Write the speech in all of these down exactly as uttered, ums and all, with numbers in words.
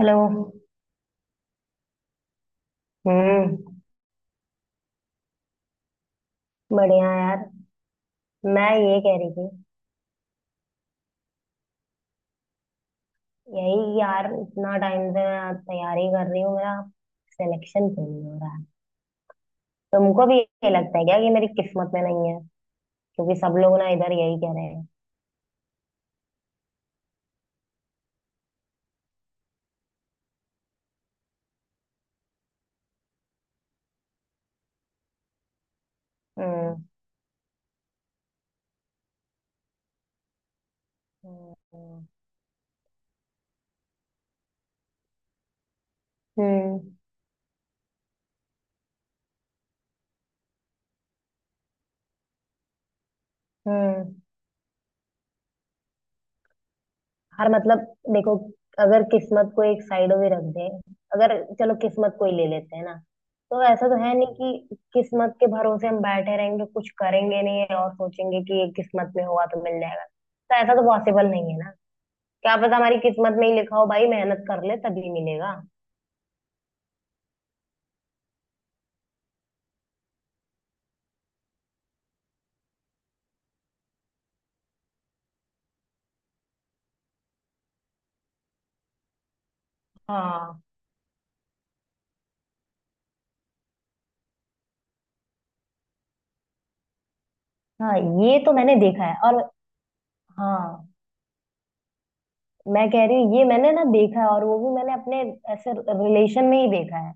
Hello. हम्म। बढ़िया यार। मैं ये कह रही थी। यही यार, इतना टाइम से मैं तैयारी कर रही हूँ, मेरा सिलेक्शन क्यों नहीं हो रहा है? तुमको भी ये लगता है क्या कि मेरी किस्मत में नहीं है? क्योंकि सब लोग ना इधर यही कह रहे हैं। हम्म। हम्म। हम्म। हम्म हर मतलब, देखो, अगर किस्मत को एक साइड में रख दे, अगर चलो किस्मत को ही ले लेते हैं ना। तो ऐसा तो है नहीं कि किस्मत के भरोसे हम बैठे रहेंगे, कुछ करेंगे नहीं और सोचेंगे कि ये किस्मत में हुआ तो मिल जाएगा, तो ऐसा तो पॉसिबल नहीं है ना। क्या पता हमारी किस्मत में ही लिखा हो, भाई मेहनत कर ले तभी मिलेगा। हाँ। हाँ, ये तो मैंने देखा है। और हाँ, मैं कह रही हूँ, ये मैंने ना देखा है, और वो भी मैंने अपने ऐसे रिलेशन में ही देखा है।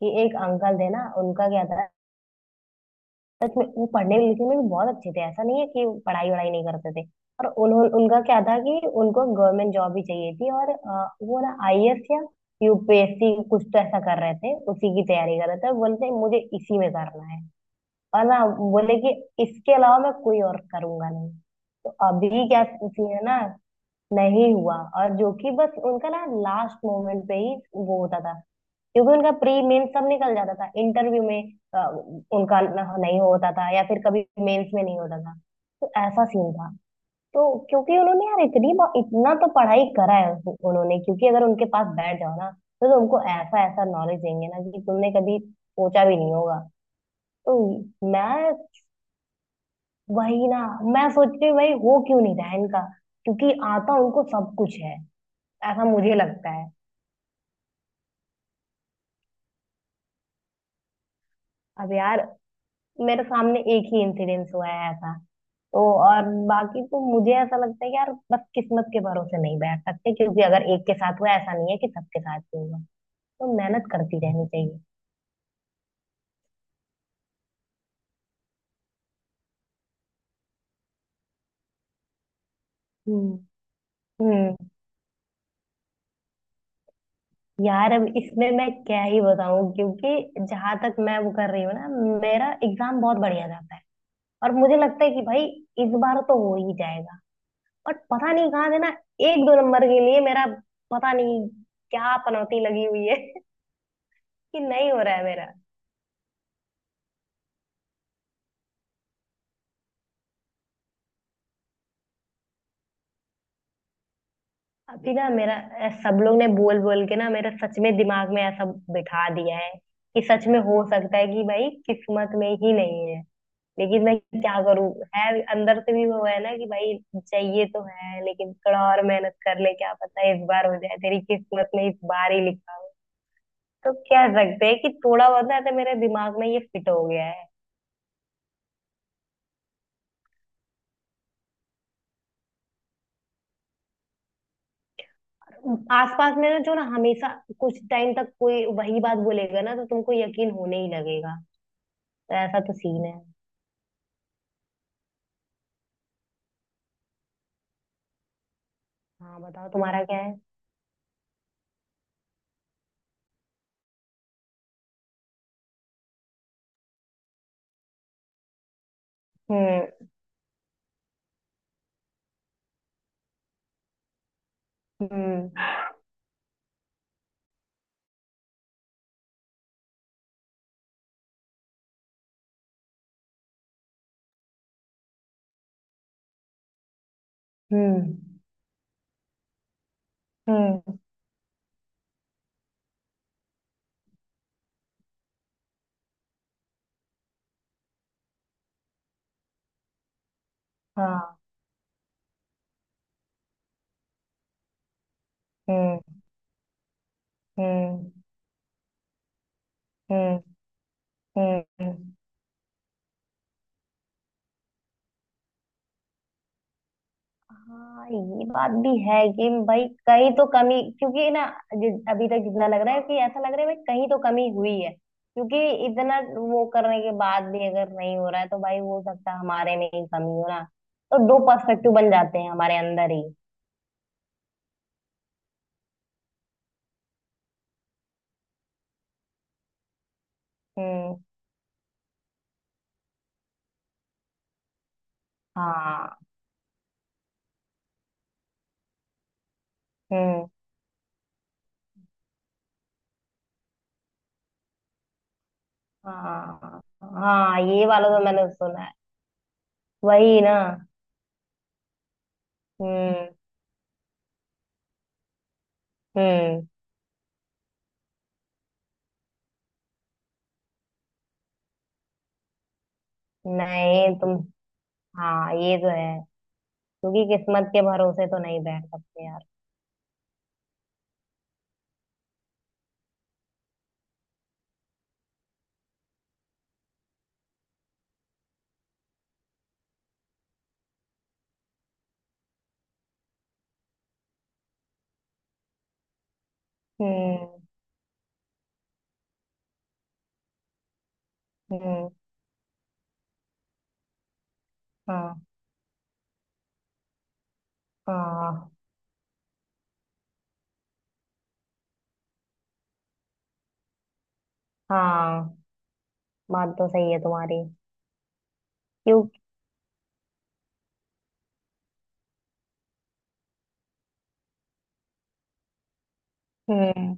कि एक अंकल थे ना, उनका क्या था, सच में वो पढ़ने लिखने में भी बहुत अच्छे थे, ऐसा नहीं है कि पढ़ाई वढ़ाई नहीं करते थे। और उन्होंने, उनका क्या था कि उनको गवर्नमेंट जॉब ही चाहिए थी। और अ, वो ना आईएएस या यूपीएससी कुछ तो ऐसा कर रहे थे, उसी की तैयारी कर रहे थे। और बोलते हैं, मुझे इसी में करना है। और ना बोले कि इसके अलावा मैं कोई और करूंगा नहीं। तो अभी क्या सीन है ना, नहीं हुआ। और जो कि बस उनका ना लास्ट मोमेंट पे ही वो होता था, क्योंकि उनका प्री मेंस सब निकल जाता था, इंटरव्यू में अ, उनका न- नहीं होता था, या फिर कभी मेंस में नहीं होता था। तो ऐसा सीन था। तो क्योंकि उन्होंने यार इतनी ब- इतना तो पढ़ाई करा है। उस- उन्होंने, क्योंकि अगर उनके पास बैठ जाओ ना, तो तुमको ऐसा ऐसा नॉलेज देंगे ना कि तुमने कभी सोचा भी नहीं होगा। तो मैं, वही ना, मैं सोचती हूँ भाई हो क्यों नहीं रहा है इनका, क्योंकि आता उनको सब कुछ है, ऐसा मुझे लगता है। अब यार, मेरे सामने एक ही इंसिडेंस हुआ है ऐसा। तो और बाकी तो मुझे ऐसा लगता है कि यार बस किस्मत के भरोसे नहीं बैठ सकते, क्योंकि अगर एक के साथ हुआ, ऐसा नहीं है कि सबके साथ ही होगा। तो मेहनत करती रहनी चाहिए। हम्म। हम्म यार, अब इसमें मैं क्या ही बताऊं, क्योंकि जहां तक मैं वो कर रही हूँ ना, मेरा एग्जाम बहुत बढ़िया जाता है। और मुझे लगता है कि भाई इस बार तो हो ही जाएगा, बट पता नहीं कहाँ से ना एक दो नंबर के लिए मेरा, पता नहीं क्या पनौती लगी हुई है कि नहीं हो रहा है मेरा। अभी ना मेरा अ, सब लोग ने बोल बोल के ना मेरा सच में दिमाग में ऐसा बिठा दिया है कि सच में हो सकता है कि भाई किस्मत में ही नहीं है। लेकिन मैं क्या करूं, है अंदर से भी वो है ना कि भाई चाहिए तो है, लेकिन थोड़ा और मेहनत कर ले, क्या पता इस बार हो जाए, तेरी किस्मत में इस बार ही लिखा हो। तो कह सकते हैं कि थोड़ा बहुत ना ऐसे मेरे दिमाग में ये फिट हो गया है। आसपास में ना, जो ना हमेशा कुछ टाइम तक कोई वही बात बोलेगा ना, तो तुमको यकीन होने ही लगेगा। तो ऐसा तो सीन है। हाँ बताओ, तुम्हारा क्या है? हम्म। हम्म। हम्म। हम्म हाँ। हम्म। हम्म। हम्म। हम्म हाँ, ये बात भी है कि भाई कहीं तो कमी, क्योंकि ना जि- अभी तक जितना लग रहा है कि ऐसा लग रहा है भाई कहीं तो कमी हुई है, क्योंकि इतना वो करने के बाद भी अगर नहीं हो रहा है, तो भाई हो सकता है हमारे में ही कमी हो ना। तो दो पर्सपेक्टिव बन जाते हैं हमारे अंदर ही। हम्म। हाँ। हम्म। हाँ। हाँ, ये वाला तो मैंने सुना है। वही ना। हम्म। हम्म। नहीं, तुम हाँ, ये तो है, क्योंकि किस्मत के भरोसे तो नहीं बैठ सकते यार। हम्म। हम्म। हाँ। हाँ। हाँ, बात तो सही है तुम्हारी। क्यों। हम्म।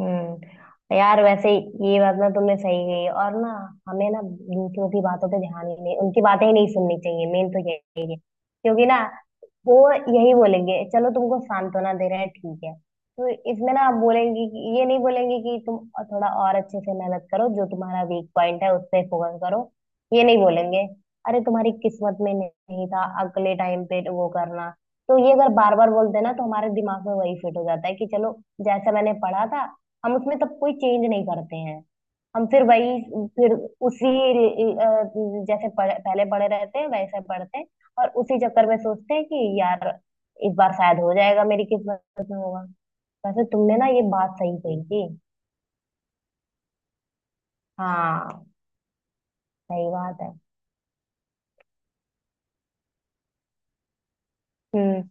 हम्म यार वैसे, ये बात ना तुमने सही कही। और ना, हमें ना दूसरों की बातों पे ध्यान ही नहीं, उनकी बातें ही नहीं सुननी चाहिए, मेन तो यही है। क्योंकि ना, वो यही बोलेंगे, चलो तुमको सांत्वना दे रहे हैं ठीक है। तो इसमें ना, आप बोलेंगे कि, ये नहीं बोलेंगे कि तुम थोड़ा और अच्छे से मेहनत करो, जो तुम्हारा वीक पॉइंट है उस पे फोकस करो, ये नहीं बोलेंगे। अरे, तुम्हारी किस्मत में नहीं था, अगले टाइम पे वो करना। तो ये अगर बार बार बोलते हैं ना, तो हमारे दिमाग में वही फिट हो जाता है कि चलो, जैसा मैंने पढ़ा था, हम उसमें तब कोई चेंज नहीं करते हैं। हम फिर वही, फिर उसी अ, जैसे पढ़, पहले पढ़े रहते हैं वैसे पढ़ते हैं। और उसी चक्कर में सोचते हैं कि यार इस बार शायद हो जाएगा, मेरी किस्मत में होगा। वैसे तुमने ना ये बात सही कही थी। हाँ। सही बात है। हम्म।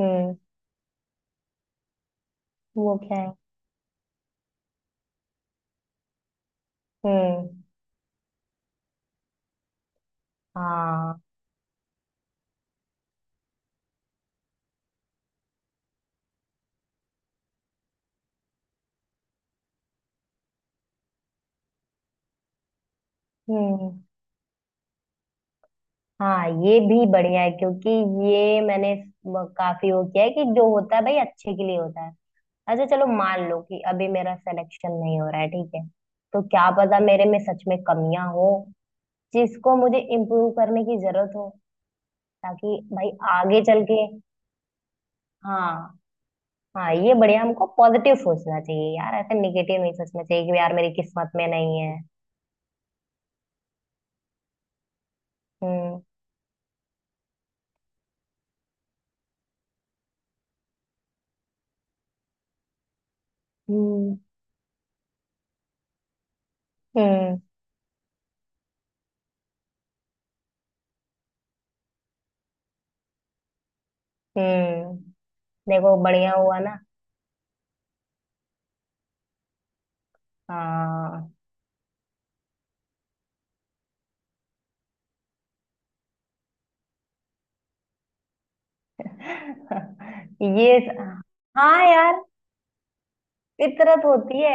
हम्म। वो क्या है? हम्म। हाँ। हम्म। हाँ, ये भी बढ़िया है, क्योंकि ये मैंने स- काफी वो किया है कि जो होता है भाई अच्छे के लिए होता है। अच्छा चलो, मान लो कि अभी मेरा सिलेक्शन नहीं हो रहा है ठीक है, तो क्या पता मेरे में सच में कमियां हो, जिसको मुझे इम्प्रूव करने की जरूरत हो, ताकि भाई आगे चल के। हाँ। हाँ, ये बढ़िया, हमको पॉजिटिव सोचना चाहिए यार, ऐसे निगेटिव नहीं सोचना चाहिए कि यार मेरी किस्मत में नहीं है। हम्म। हम्म। हम्म। हम्म। देखो बढ़िया हुआ ना। हाँ। ये हाँ यार, फितरत होती है।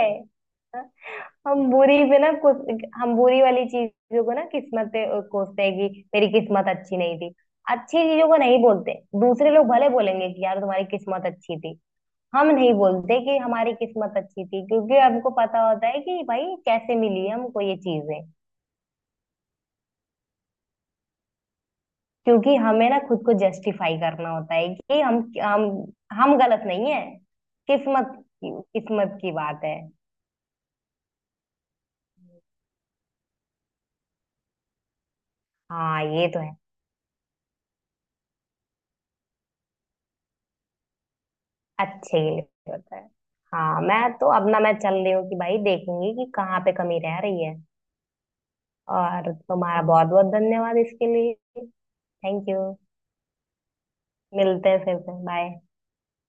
हम बुरी पे ना, कुछ हम बुरी वाली चीजों को ना किस्मत पे अ, कोसते हैं कि मेरी किस्मत अच्छी नहीं थी। अच्छी चीजों को नहीं बोलते। दूसरे लोग भले बोलेंगे कि यार तुम्हारी किस्मत अच्छी थी। हम नहीं बोलते कि हमारी किस्मत अच्छी थी, क्योंकि हमको पता होता है कि भाई कैसे मिली है हमको ये चीजें। क्योंकि हमें ना खुद को जस्टिफाई करना होता है कि हम हम हम गलत नहीं है। किस्मत। किस्मत की बात है। हाँ, ये तो है। अच्छे के लिए होता है। हाँ, मैं तो अब ना, मैं चल रही हूँ कि भाई देखूंगी कि कहाँ पे कमी रह रही है। और तुम्हारा बहुत बहुत धन्यवाद इसके लिए। Thank you. मिलते हैं फिर से। बाय।